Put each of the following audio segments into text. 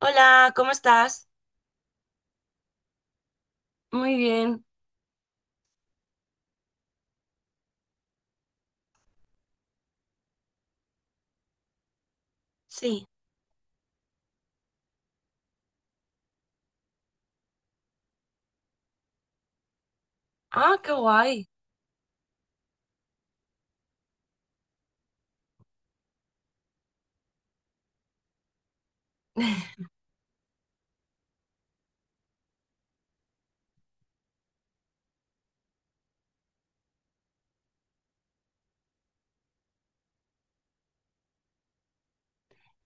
Hola, ¿cómo estás? Muy bien. Sí. Ah, qué guay.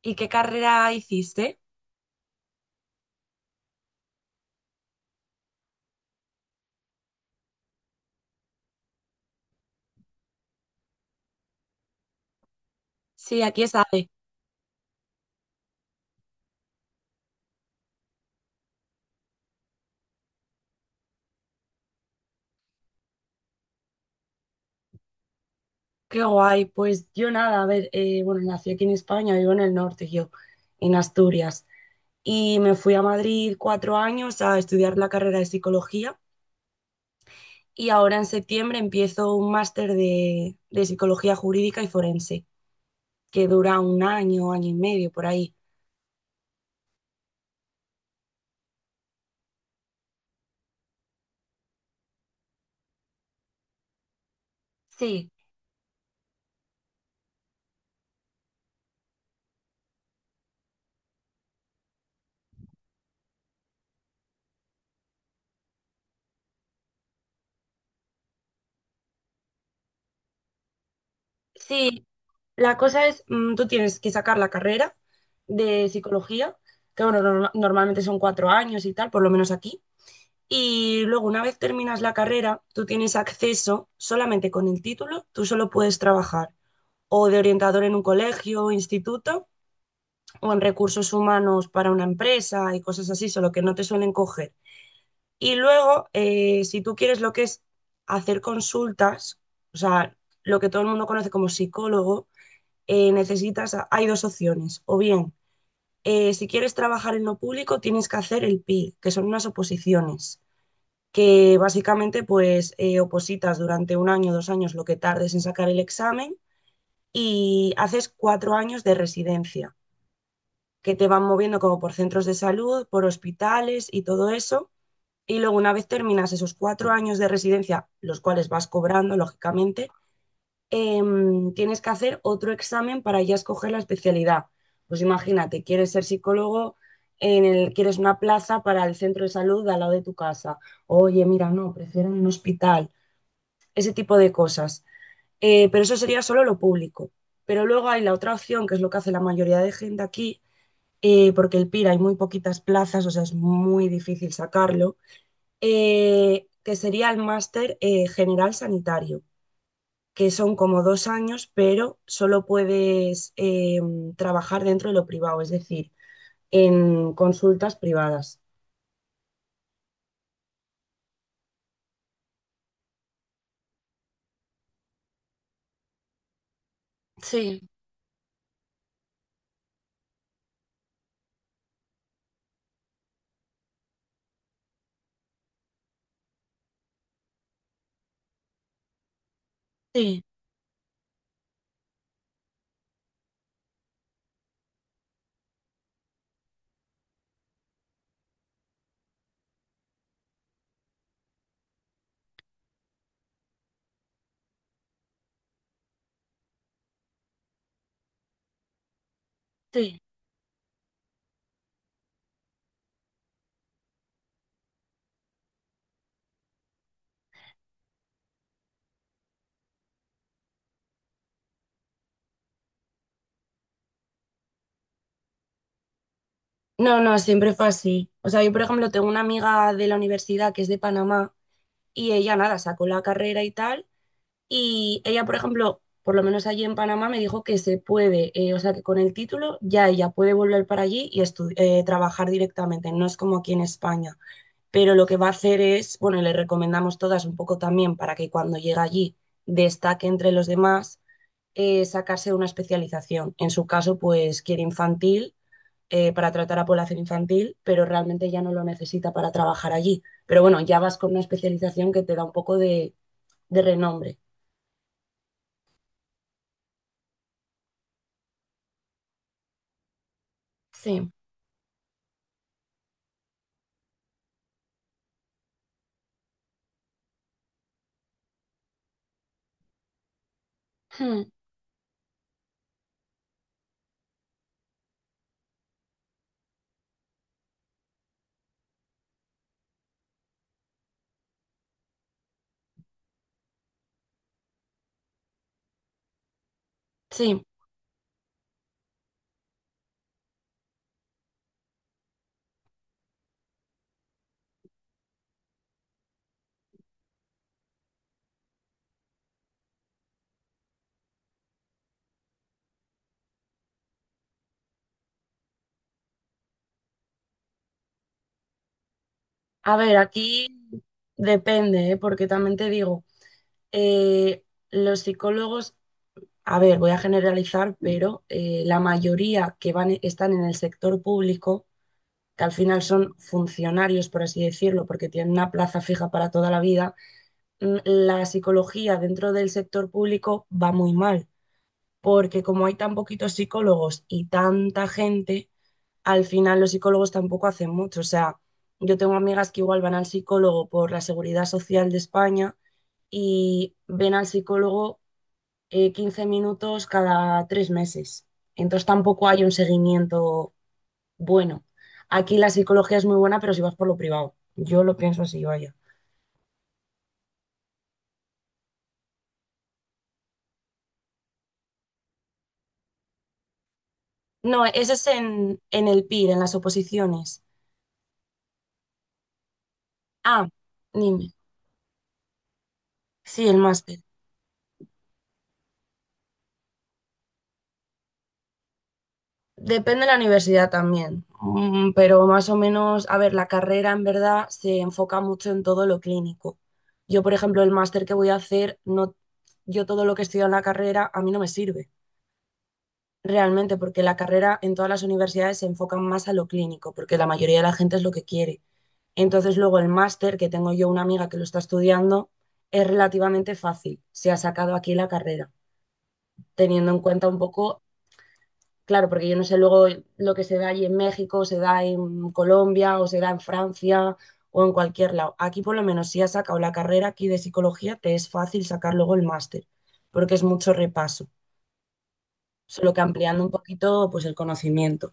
¿Y qué carrera hiciste? Sí, aquí está. Qué guay. Pues yo nada, a ver, bueno, nací aquí en España, vivo en el norte, yo, en Asturias. Y me fui a Madrid 4 años a estudiar la carrera de psicología y ahora en septiembre empiezo un máster de psicología jurídica y forense, que dura un año, año y medio por ahí. Sí. Sí, la cosa es, tú tienes que sacar la carrera de psicología, que bueno, normalmente son 4 años y tal, por lo menos aquí. Y luego, una vez terminas la carrera, tú tienes acceso solamente con el título, tú solo puedes trabajar o de orientador en un colegio, instituto, o en recursos humanos para una empresa y cosas así, solo que no te suelen coger. Y luego, si tú quieres lo que es hacer consultas, o sea, lo que todo el mundo conoce como psicólogo, necesitas, hay dos opciones, o bien, si quieres trabajar en lo público, tienes que hacer el PI, que son unas oposiciones, que básicamente pues opositas durante un año, 2 años, lo que tardes en sacar el examen y haces 4 años de residencia, que te van moviendo como por centros de salud, por hospitales y todo eso. Y luego una vez terminas esos 4 años de residencia, los cuales vas cobrando, lógicamente, tienes que hacer otro examen para ya escoger la especialidad. Pues imagínate, quieres ser psicólogo, quieres una plaza para el centro de salud de al lado de tu casa. Oye, mira, no, prefiero un hospital, ese tipo de cosas. Pero eso sería solo lo público. Pero luego hay la otra opción, que es lo que hace la mayoría de gente aquí, porque el PIR hay muy poquitas plazas, o sea, es muy difícil sacarlo, que sería el máster general sanitario, que son como 2 años, pero solo puedes trabajar dentro de lo privado, es decir, en consultas privadas. Sí, sí, sí. No, no, siempre fue así. O sea, yo, por ejemplo, tengo una amiga de la universidad que es de Panamá y ella, nada, sacó la carrera y tal. Y ella, por ejemplo, por lo menos allí en Panamá me dijo que se puede, o sea, que con el título ya ella puede volver para allí y trabajar directamente, no es como aquí en España. Pero lo que va a hacer es, bueno, le recomendamos todas un poco también para que cuando llegue allí destaque entre los demás, sacarse una especialización. En su caso, pues quiere infantil, para tratar a población infantil, pero realmente ya no lo necesita para trabajar allí. Pero bueno, ya vas con una especialización que te da un poco de renombre. Sí. Hmm, sí. A ver, aquí depende, ¿eh? Porque también te digo, eh, los psicólogos. A ver, voy a generalizar, pero la mayoría que van están en el sector público, que al final son funcionarios, por así decirlo, porque tienen una plaza fija para toda la vida. La psicología dentro del sector público va muy mal, porque como hay tan poquitos psicólogos y tanta gente, al final los psicólogos tampoco hacen mucho. O sea, yo tengo amigas que igual van al psicólogo por la Seguridad Social de España y ven al psicólogo 15 minutos cada 3 meses. Entonces tampoco hay un seguimiento bueno. Aquí la psicología es muy buena, pero si vas por lo privado. Yo lo pienso así, vaya. No, ese es en el PIR, en las oposiciones. Ah, dime. Sí, el máster. Depende de la universidad también, pero más o menos, a ver, la carrera en verdad se enfoca mucho en todo lo clínico. Yo, por ejemplo, el máster que voy a hacer, no, yo todo lo que estudio en la carrera a mí no me sirve. Realmente, porque la carrera en todas las universidades se enfoca más a lo clínico, porque la mayoría de la gente es lo que quiere. Entonces, luego el máster, que tengo yo una amiga que lo está estudiando, es relativamente fácil. Se ha sacado aquí la carrera, teniendo en cuenta un poco, claro, porque yo no sé luego lo que se da allí en México, se da en Colombia, o se da en Francia o en cualquier lado. Aquí por lo menos, si has sacado la carrera aquí de psicología, te es fácil sacar luego el máster, porque es mucho repaso, solo que ampliando un poquito pues el conocimiento.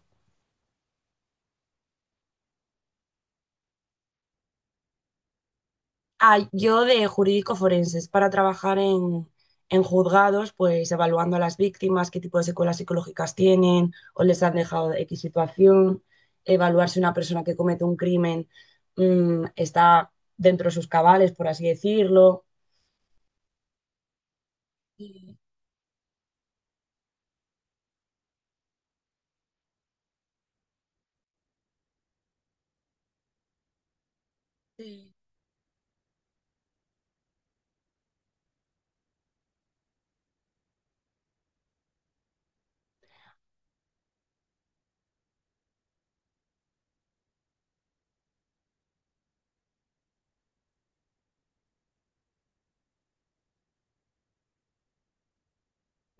Ah, yo de jurídico forenses, para trabajar en juzgados, pues evaluando a las víctimas, qué tipo de secuelas psicológicas tienen o les han dejado X situación, evaluar si una persona que comete un crimen está dentro de sus cabales, por así decirlo. Sí, sí.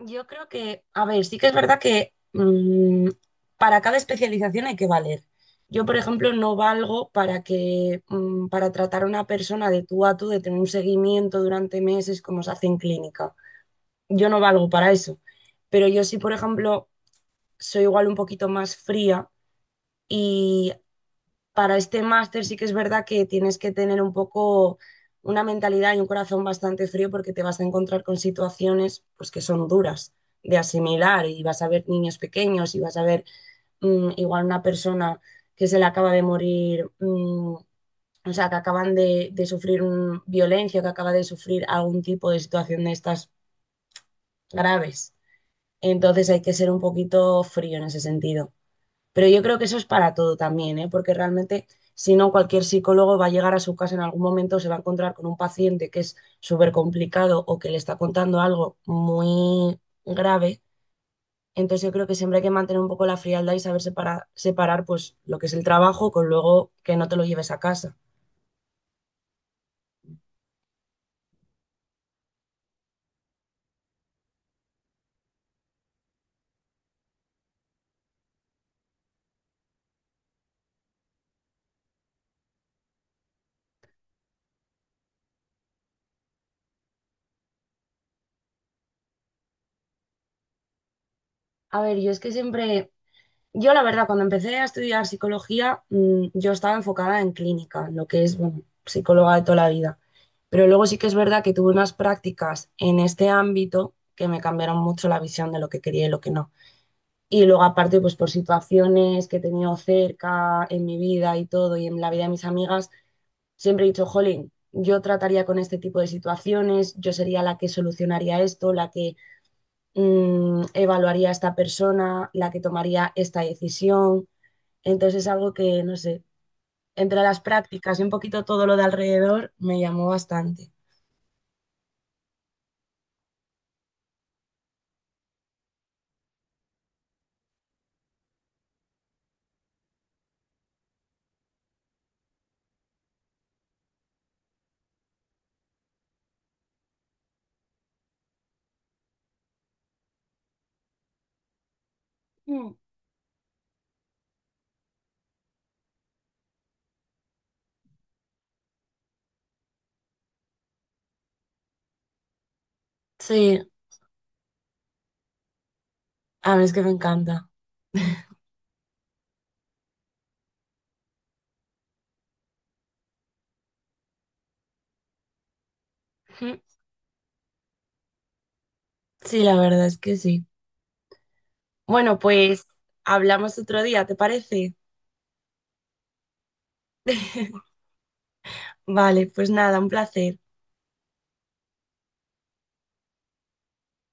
Yo creo que, a ver, sí que es verdad que, para cada especialización hay que valer. Yo, por ejemplo, no valgo para que, para tratar a una persona de tú a tú, de tener un seguimiento durante meses como se hace en clínica. Yo no valgo para eso. Pero yo sí, por ejemplo, soy igual un poquito más fría, y para este máster sí que es verdad que tienes que tener un poco una mentalidad y un corazón bastante frío, porque te vas a encontrar con situaciones pues que son duras de asimilar, y vas a ver niños pequeños y vas a ver, igual una persona que se le acaba de morir, o sea, que acaban de sufrir violencia, que acaba de sufrir algún tipo de situación de estas graves. Entonces hay que ser un poquito frío en ese sentido. Pero yo creo que eso es para todo también, ¿eh? Porque realmente, si no, cualquier psicólogo va a llegar a su casa en algún momento, se va a encontrar con un paciente que es súper complicado o que le está contando algo muy grave. Entonces yo creo que siempre hay que mantener un poco la frialdad y saber separar, separar pues lo que es el trabajo, con luego que no te lo lleves a casa. A ver, yo es que siempre. Yo, la verdad, cuando empecé a estudiar psicología, yo estaba enfocada en clínica, en lo que es, bueno, psicóloga de toda la vida. Pero luego sí que es verdad que tuve unas prácticas en este ámbito que me cambiaron mucho la visión de lo que quería y lo que no. Y luego, aparte, pues por situaciones que he tenido cerca en mi vida y todo, y en la vida de mis amigas, siempre he dicho, jolín, yo trataría con este tipo de situaciones, yo sería la que solucionaría esto, la que, evaluaría a esta persona, la que tomaría esta decisión, entonces es algo que, no sé, entre las prácticas y un poquito todo lo de alrededor me llamó bastante. Mm. Sí, a mí es que me encanta. Ujú. Sí, la verdad es que sí. Bueno, pues hablamos otro día, ¿te parece? Vale, pues nada, un placer.